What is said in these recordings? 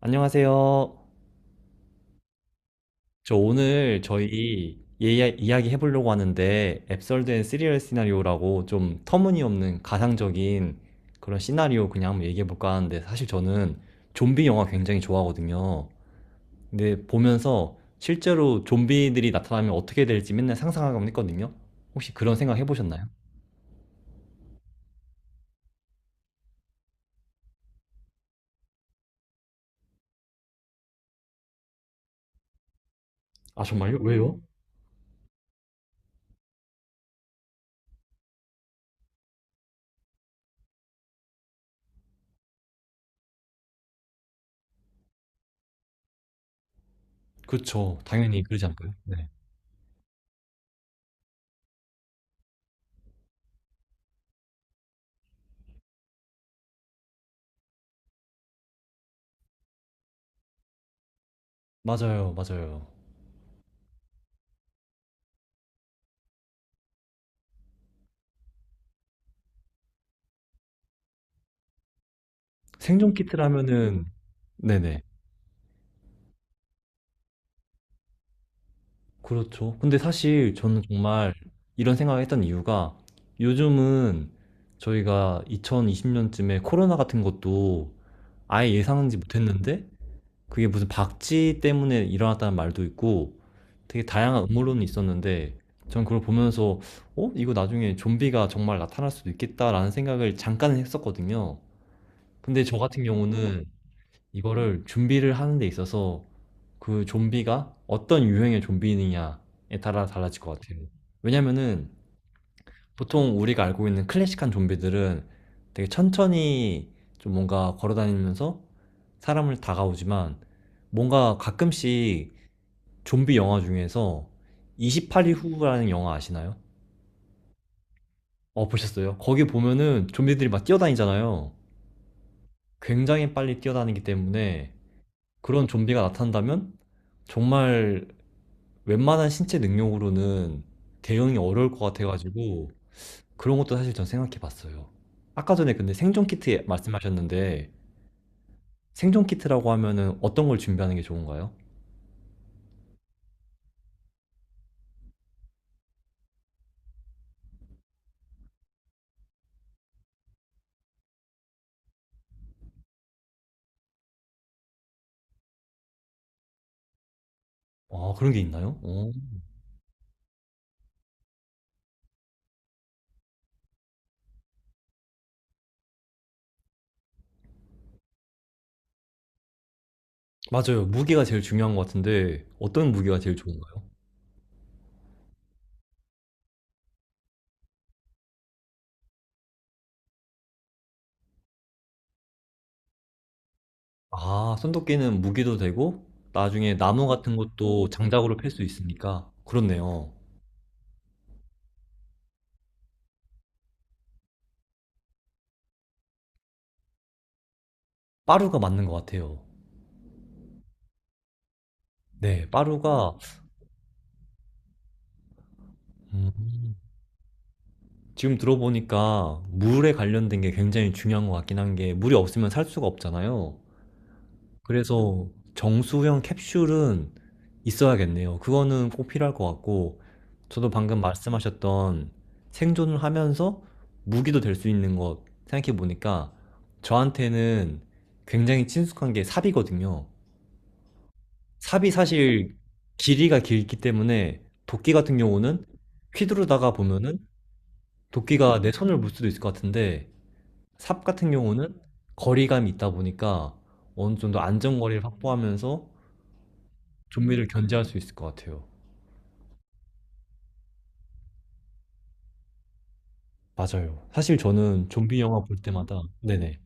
안녕하세요. 저 오늘 저희 이야기 해보려고 하는데 앱솔드 앤 시리얼 시나리오라고 좀 터무니없는 가상적인 그런 시나리오 그냥 한번 얘기해볼까 하는데 사실 저는 좀비 영화 굉장히 좋아하거든요. 근데 보면서 실제로 좀비들이 나타나면 어떻게 될지 맨날 상상하곤 했거든요. 혹시 그런 생각 해보셨나요? 아, 정말요? 왜요? 그렇죠. 당연히 그러지 않을까요? 네. 맞아요, 맞아요. 생존 키트라면은 네네. 그렇죠. 근데 사실 저는 정말 이런 생각을 했던 이유가 요즘은 저희가 2020년쯤에 코로나 같은 것도 아예 예상하지 못했는데 그게 무슨 박쥐 때문에 일어났다는 말도 있고 되게 다양한 음모론이 있었는데 전 그걸 보면서 어? 이거 나중에 좀비가 정말 나타날 수도 있겠다라는 생각을 잠깐은 했었거든요. 근데 저 같은 경우는 이거를 준비를 하는 데 있어서 그 좀비가 어떤 유형의 좀비느냐에 따라 달라질 것 같아요. 왜냐면은 보통 우리가 알고 있는 클래식한 좀비들은 되게 천천히 좀 뭔가 걸어다니면서 사람을 다가오지만 뭔가 가끔씩 좀비 영화 중에서 28일 후라는 영화 아시나요? 어, 보셨어요? 거기 보면은 좀비들이 막 뛰어다니잖아요. 굉장히 빨리 뛰어다니기 때문에 그런 좀비가 나타난다면 정말 웬만한 신체 능력으로는 대응이 어려울 것 같아가지고 그런 것도 사실 전 생각해 봤어요. 아까 전에 근데 생존 키트 말씀하셨는데 생존 키트라고 하면은 어떤 걸 준비하는 게 좋은가요? 아, 그런 게 있나요? 어. 맞아요. 무기가 제일 중요한 것 같은데 어떤 무기가 제일 좋은가요? 아, 손도끼는 무기도 되고 나중에 나무 같은 것도 장작으로 팰 수 있으니까 그렇네요. 빠루가 맞는 것 같아요. 네, 빠루가 음, 지금 들어보니까 물에 관련된 게 굉장히 중요한 것 같긴 한 게 물이 없으면 살 수가 없잖아요. 그래서 정수형 캡슐은 있어야겠네요. 그거는 꼭 필요할 것 같고 저도 방금 말씀하셨던 생존을 하면서 무기도 될 수 있는 것 생각해 보니까 저한테는 굉장히 친숙한 게 삽이거든요. 삽이 사실 길이가 길기 때문에 도끼 같은 경우는 휘두르다가 보면은 도끼가 내 손을 물 수도 있을 것 같은데 삽 같은 경우는 거리감이 있다 보니까 어느 정도 안전거리를 확보하면서 좀비를 견제할 수 있을 것 같아요. 맞아요. 사실 저는 좀비 영화 볼 때마다, 네네.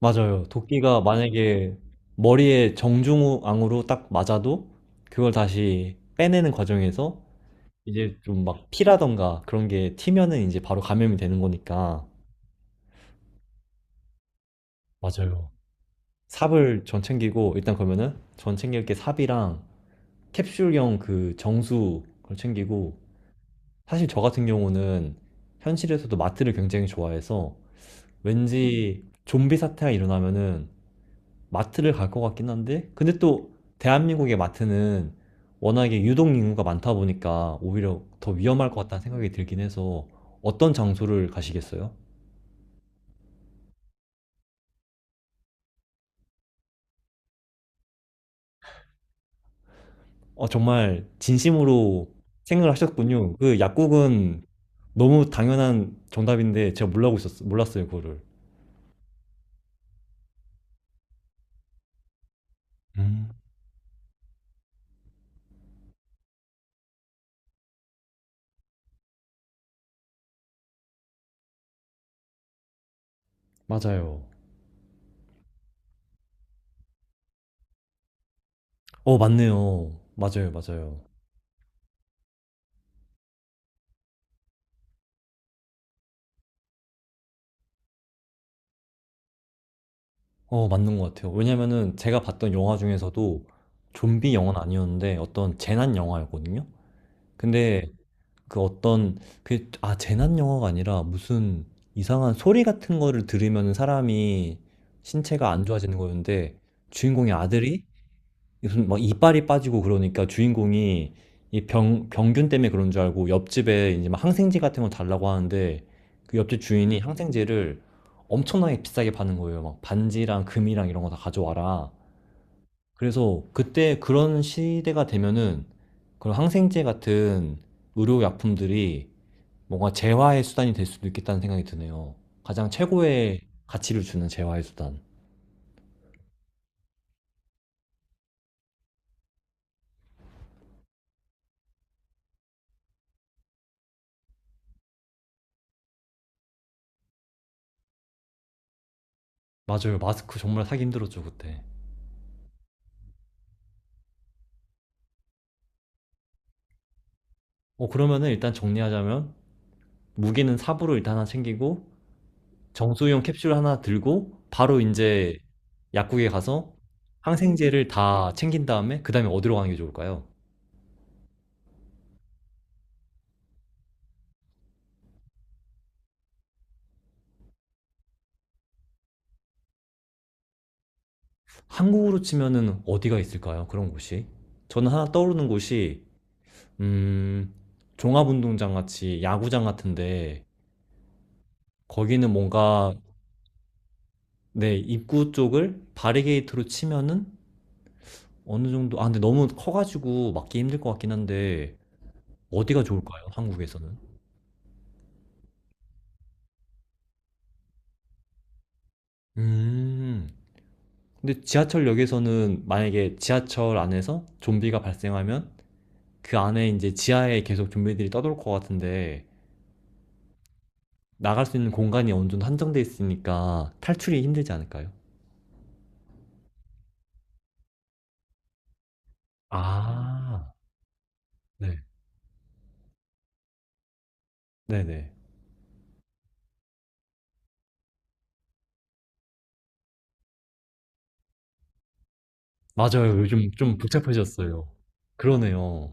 맞아요. 도끼가 만약에 머리에 정중앙으로 딱 맞아도 그걸 다시 빼내는 과정에서 이제 좀 막 피라던가 그런 게 튀면은 이제 바로 감염이 되는 거니까. 맞아요. 삽을 전 챙기고, 일단 그러면은 전 챙길 게 삽이랑 캡슐형 그 정수 그걸 챙기고 사실 저 같은 경우는 현실에서도 마트를 굉장히 좋아해서 왠지 좀비 사태가 일어나면은 마트를 갈 것 같긴 한데 근데 또 대한민국의 마트는 워낙에 유동 인구가 많다 보니까 오히려 더 위험할 것 같다는 생각이 들긴 해서 어떤 장소를 가시겠어요? 어, 정말 진심으로 생각을 하셨군요. 그 약국은 너무 당연한 정답인데 제가 몰랐어요, 그거를. 음. 맞아요. 어, 맞네요. 맞아요, 맞아요. 어, 맞는 것 같아요. 왜냐면은 제가 봤던 영화 중에서도 좀비 영화는 아니었는데 어떤 재난 영화였거든요. 근데 그 어떤 그 아, 재난 영화가 아니라 무슨 이상한 소리 같은 거를 들으면 사람이 신체가 안 좋아지는 거였는데 주인공의 아들이 무슨 막 이빨이 빠지고 그러니까 주인공이 이 병균 때문에 그런 줄 알고 옆집에 이제 막 항생제 같은 거 달라고 하는데 그 옆집 주인이 항생제를 엄청나게 비싸게 파는 거예요. 막 반지랑 금이랑 이런 거 다 가져와라. 그래서 그때 그런 시대가 되면은 그런 항생제 같은 의료약품들이 뭔가 재화의 수단이 될 수도 있겠다는 생각이 드네요. 가장 최고의 가치를 주는 재화의 수단. 맞아요. 마스크 정말 사기 힘들었죠, 그때. 어, 그러면은 일단 정리하자면 무기는 삽으로 일단 하나 챙기고 정수용 캡슐 하나 들고 바로 이제 약국에 가서 항생제를 다 챙긴 다음에 그 다음에 어디로 가는 게 좋을까요? 한국으로 치면은 어디가 있을까요? 그런 곳이? 저는 하나 떠오르는 곳이 음, 종합운동장 같이 야구장 같은데 거기는 뭔가 네, 입구 쪽을 바리게이트로 치면은 어느 정도 아 근데 너무 커가지고 막기 힘들 것 같긴 한데 어디가 좋을까요? 한국에서는? 음. 근데 지하철역에서는 만약에 지하철 안에서 좀비가 발생하면 그 안에 이제 지하에 계속 좀비들이 떠돌 것 같은데 나갈 수 있는 공간이 어느 정도 한정돼 있으니까 탈출이 힘들지 않을까요? 아, 네. 네네. 맞아요. 요즘 좀 복잡해졌어요. 그러네요.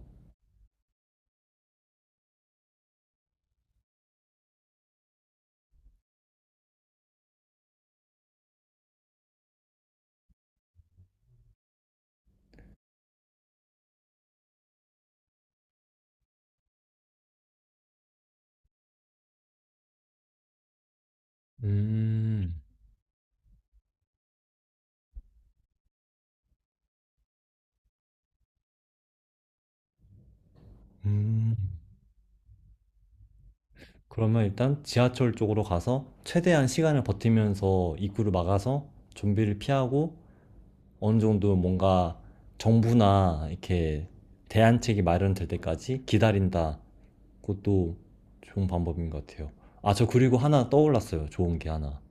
음, 음. 그러면 일단 지하철 쪽으로 가서 최대한 시간을 버티면서 입구를 막아서 좀비를 피하고 어느 정도 뭔가 정부나 이렇게 대안책이 마련될 때까지 기다린다. 그것도 좋은 방법인 것 같아요. 아, 저 그리고 하나 떠올랐어요. 좋은 게 하나.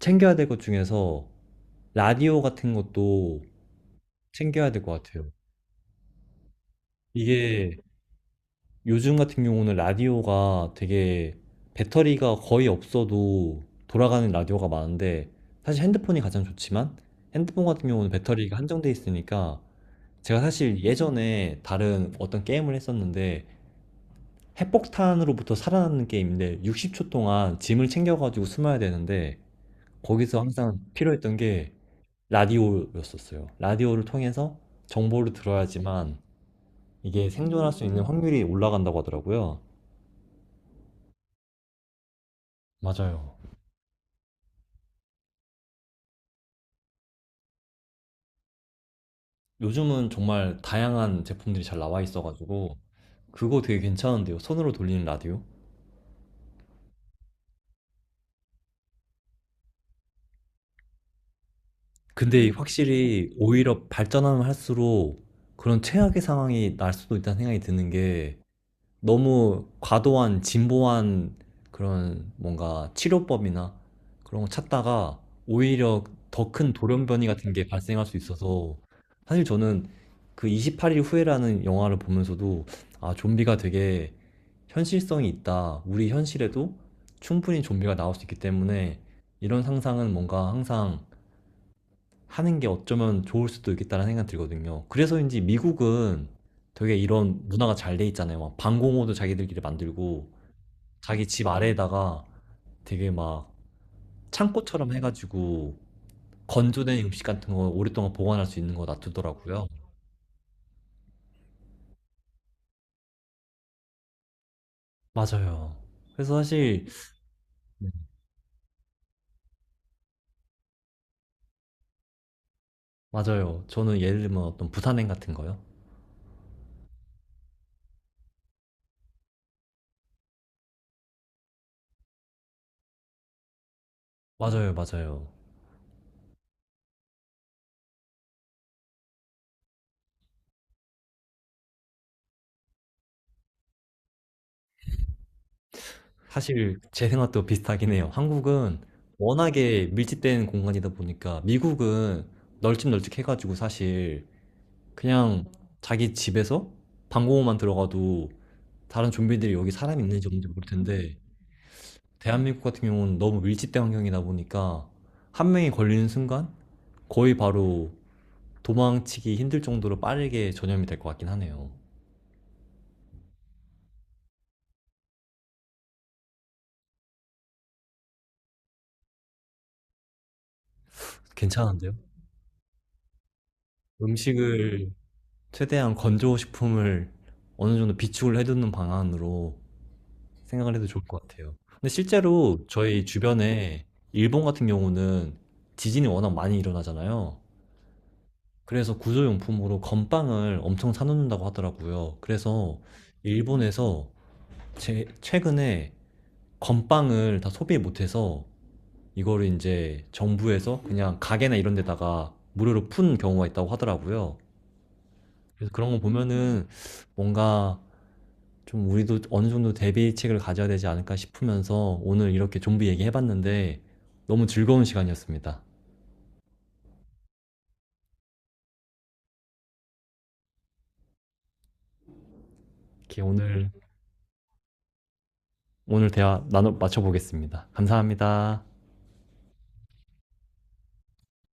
챙겨야 될 것 중에서 라디오 같은 것도 챙겨야 될 것 같아요. 이게 요즘 같은 경우는 라디오가 되게 배터리가 거의 없어도 돌아가는 라디오가 많은데 사실 핸드폰이 가장 좋지만 핸드폰 같은 경우는 배터리가 한정돼 있으니까 제가 사실 예전에 다른 어떤 게임을 했었는데 핵폭탄으로부터 살아나는 게임인데 60초 동안 짐을 챙겨가지고 숨어야 되는데 거기서 항상 필요했던 게 라디오였었어요. 라디오를 통해서 정보를 들어야지만 이게 생존할 수 있는 확률이 올라간다고 하더라고요. 맞아요. 요즘은 정말 다양한 제품들이 잘 나와 있어가지고 그거 되게 괜찮은데요. 손으로 돌리는 라디오? 근데 확실히 오히려 발전하면 할수록 그런 최악의 상황이 날 수도 있다는 생각이 드는 게 너무 과도한 진보한 그런 뭔가 치료법이나 그런 거 찾다가 오히려 더 큰 돌연변이 같은 게 발생할 수 있어서 사실 저는 그 28일 후에라는 영화를 보면서도 아, 좀비가 되게 현실성이 있다. 우리 현실에도 충분히 좀비가 나올 수 있기 때문에 이런 상상은 뭔가 항상 하는 게 어쩌면 좋을 수도 있겠다는 생각이 들거든요. 그래서인지 미국은 되게 이런 문화가 잘 돼 있잖아요. 막 방공호도 자기들끼리 만들고 자기 집 아래에다가 되게 막 창고처럼 해가지고 건조된 음식 같은 거 오랫동안 보관할 수 있는 거 놔두더라고요. 맞아요. 그래서 사실 맞아요. 저는 예를 들면 어떤 부산행 같은 거요. 맞아요, 맞아요. 사실 제 생각도 비슷하긴 해요. 한국은 워낙에 밀집된 공간이다 보니까 미국은 널찍널찍해가지고 사실 그냥 자기 집에서 방공호만 들어가도 다른 좀비들이 여기 사람이 있는지 없는지 모를 텐데 대한민국 같은 경우는 너무 밀집된 환경이다 보니까 한 명이 걸리는 순간 거의 바로 도망치기 힘들 정도로 빠르게 전염이 될 것 같긴 하네요. 괜찮은데요? 음식을 최대한 건조 식품을 어느 정도 비축을 해두는 방안으로 생각을 해도 좋을 것 같아요. 근데 실제로 저희 주변에 일본 같은 경우는 지진이 워낙 많이 일어나잖아요. 그래서 구조용품으로 건빵을 엄청 사놓는다고 하더라고요. 그래서 일본에서 최근에 건빵을 다 소비 못해서 이거를 이제 정부에서 그냥 가게나 이런 데다가 무료로 푼 경우가 있다고 하더라고요. 그래서 그런 거 보면은 뭔가 좀 우리도 어느 정도 대비책을 가져야 되지 않을까 싶으면서 오늘 이렇게 좀비 얘기해봤는데 너무 즐거운 시간이었습니다. 이렇게 오늘 대화 나눠 맞춰보겠습니다. 감사합니다.